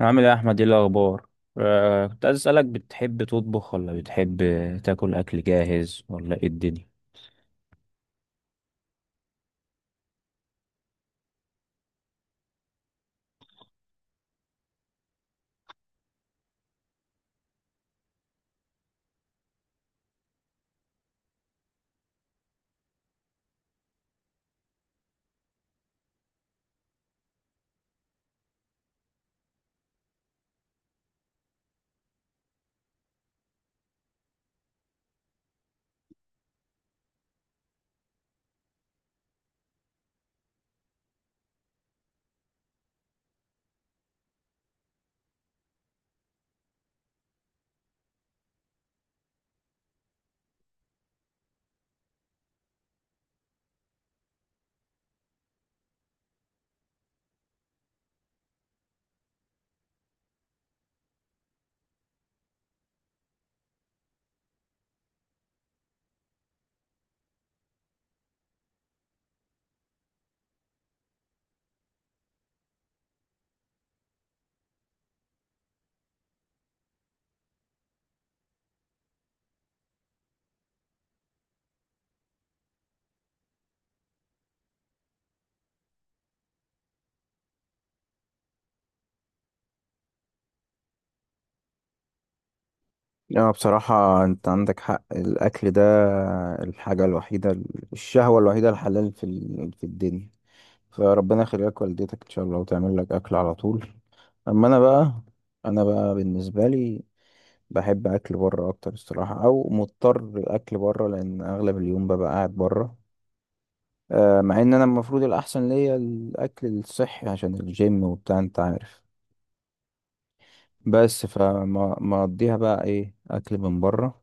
عامل ايه يا احمد، ايه الاخبار؟ كنت عايز اسالك، بتحب تطبخ ولا بتحب تاكل اكل جاهز ولا ايه الدنيا؟ لا بصراحة أنت عندك حق. الأكل ده الحاجة الوحيدة، الشهوة الوحيدة الحلال في الدنيا. فربنا يخليك والدتك إن شاء الله وتعمل لك أكل على طول. أما أنا بقى، أنا بقى بالنسبة لي بحب أكل بره أكتر الصراحة، أو مضطر الأكل بره لأن أغلب اليوم ببقى قاعد بره. مع ان انا المفروض الاحسن ليا الاكل الصحي عشان الجيم وبتاع انت عارف. بس فما ما اقضيها بقى ايه اكل من بره.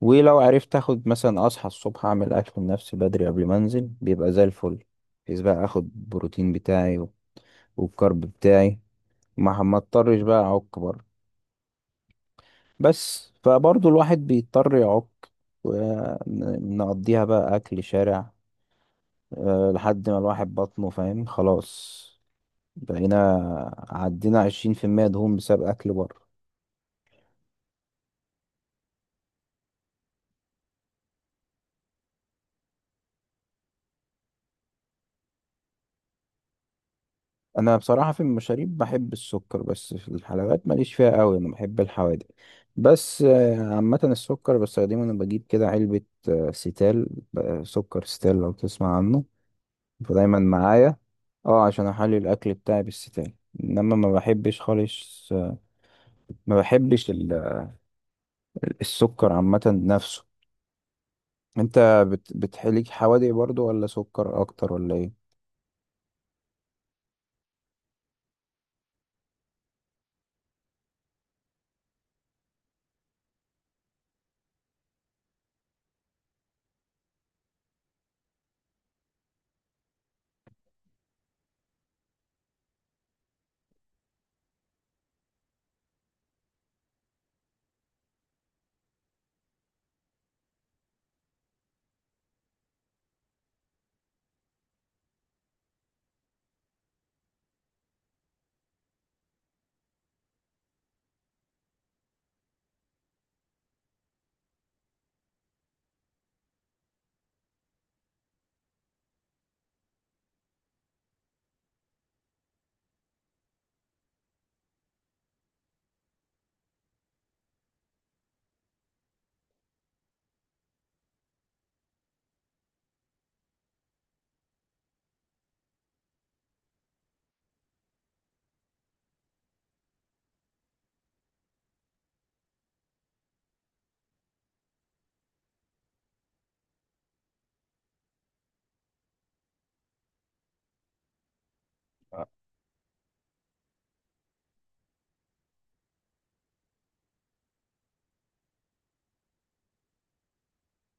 ولو عرفت اخد مثلا اصحى الصبح اعمل اكل لنفسي بدري قبل ما انزل بيبقى زي الفل، بحيث بقى اخد البروتين بتاعي والكارب بتاعي. ما اضطرش بقى اعك بره، بس فبرضه الواحد بيضطر يعك ونقضيها بقى اكل شارع. لحد ما الواحد بطنه فاهم خلاص. بقينا عدينا 20% دهون بسبب أكل بره. أنا بصراحة في المشاريب بحب السكر، بس في الحلويات ماليش فيها قوي، أنا بحب الحوادق. بس عامة السكر بستخدمه، أنا بجيب كده علبة، ستال. سكر ستال لو تسمع عنه، فدايما معايا. اه عشان أحلي الأكل بتاعي بالستال. إنما ما بحبش خالص، ما بحبش السكر عامة نفسه. أنت بتحلي حوادق برضو ولا سكر أكتر ولا إيه؟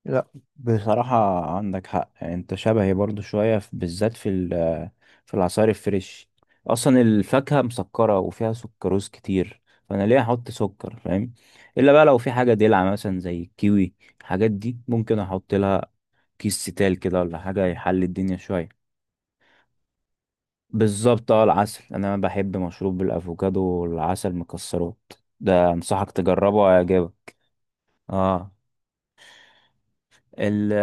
لا بصراحة عندك حق، يعني انت شبهي برضو شوية بالذات في العصائر الفريش. اصلا الفاكهة مسكرة وفيها سكروز كتير، فانا ليه احط سكر فاهم. الا بقى لو في حاجة دلع مثلا زي الكيوي، الحاجات دي ممكن احط لها كيس ستال كده ولا حاجة يحل الدنيا شوية. بالظبط. اه العسل، انا بحب مشروب بالافوكادو والعسل مكسرات. ده انصحك تجربه ويعجبك. اه. ال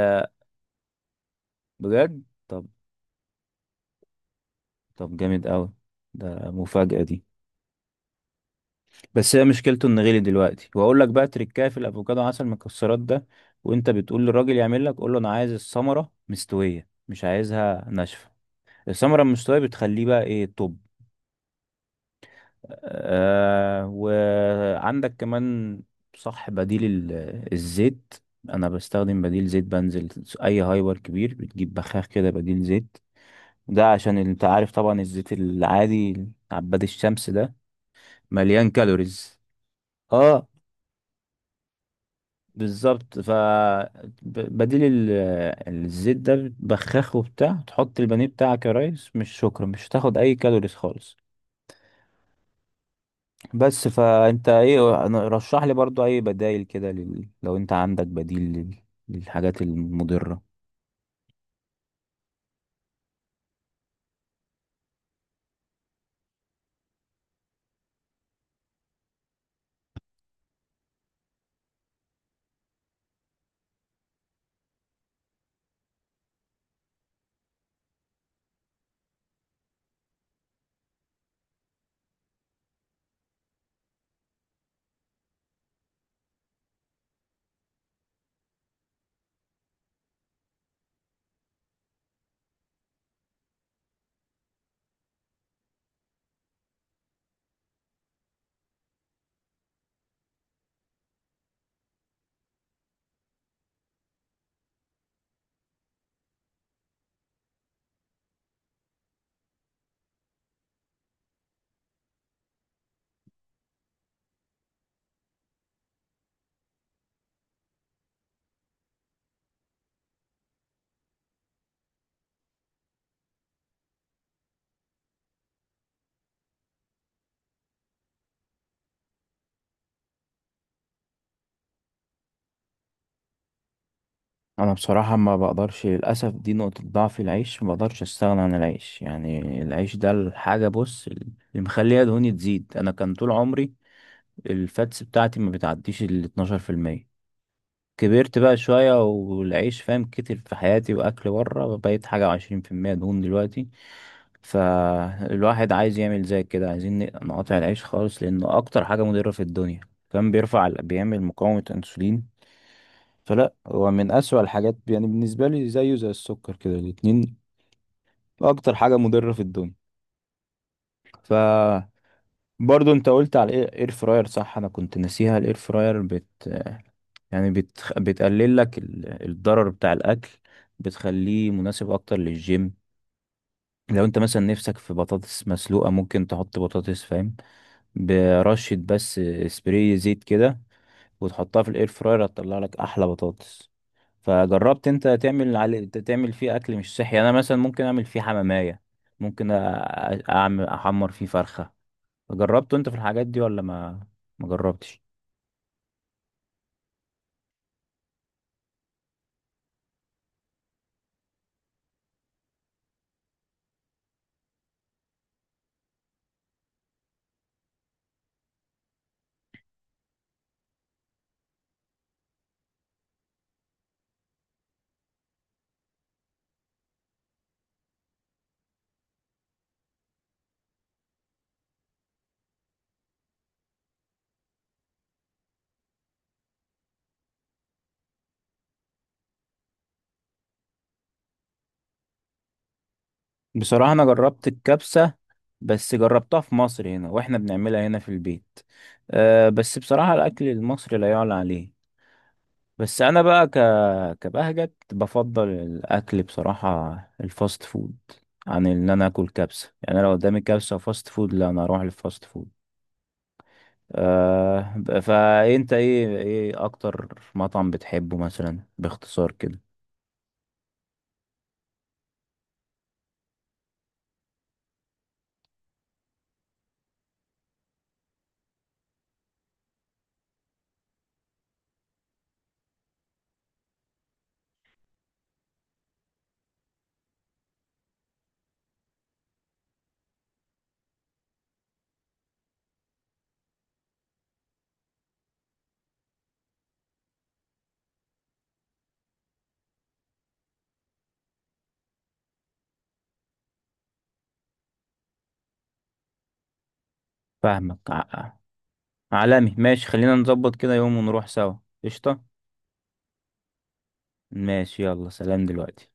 بجد؟ طب. طب جامد قوي، ده مفاجأة دي. بس هي مشكلته انه غلي دلوقتي، واقول لك بقى تركايه في الافوكادو عسل مكسرات ده، وانت بتقول للراجل يعمل لك قول له انا عايز الثمرة مستوية مش عايزها ناشفة. الثمرة المستوية بتخليه بقى ايه. طب آه، وعندك كمان، صح، بديل الزيت. انا بستخدم بديل زيت، بنزل اي هايبر كبير بتجيب بخاخ كده بديل زيت. ده عشان انت عارف طبعا الزيت العادي عباد الشمس ده مليان كالوريز. اه بالظبط. ف بديل الزيت ده بخاخه بتاع تحط البانيه بتاعك يا ريس مش شكرا، مش هتاخد اي كالوريز خالص. بس فانت ايه؟ رشح لي برضو اي بدايل كده لو انت عندك بديل للحاجات المضرة. انا بصراحة ما بقدرش للاسف، دي نقطة ضعف. العيش ما بقدرش استغنى عن العيش، يعني العيش ده الحاجة بص اللي مخليها دهوني تزيد. انا كان طول عمري الفاتس بتاعتي ما بتعديش ال 12%. كبرت بقى شوية والعيش فاهم كتر في حياتي وأكل بره، بقيت 21% دهون دلوقتي. فالواحد عايز يعمل زي كده، عايزين نقاطع العيش خالص لأنه أكتر حاجة مضرة في الدنيا. كان بيرفع بيعمل مقاومة أنسولين. فلا هو من أسوأ الحاجات يعني بالنسبة لي، زيه زي السكر كده، الاتنين أكتر حاجة مضرة في الدنيا. برضو انت قلت على الاير فراير، صح انا كنت ناسيها. الاير فراير يعني بتقلل لك الضرر بتاع الاكل، بتخليه مناسب اكتر للجيم. لو انت مثلا نفسك في بطاطس مسلوقة ممكن تحط بطاطس فاهم، برشة بس سبراي زيت كده، وتحطها في الاير فراير هتطلع لك احلى بطاطس. فجربت انت تعمل تعمل فيه اكل مش صحي، يعني انا مثلا ممكن اعمل فيه حمامية، ممكن اعمل احمر فيه فرخة. جربته انت في الحاجات دي ولا ما جربتش؟ بصراحة انا جربت الكبسة، بس جربتها في مصر هنا واحنا بنعملها هنا في البيت. أه بس بصراحة الاكل المصري لا يعلى عليه. بس انا بقى كبهجت بفضل الاكل بصراحة الفاست فود عن ان انا اكل كبسة، يعني لو قدامي كبسة وفاست فود لا انا اروح للفاست فود. أه فانت ايه، ايه اكتر مطعم بتحبه مثلا باختصار كده؟ فاهمك. عالمي ماشي، خلينا نظبط كده يوم ونروح سوا. قشطة. ماشي يلا، سلام دلوقتي.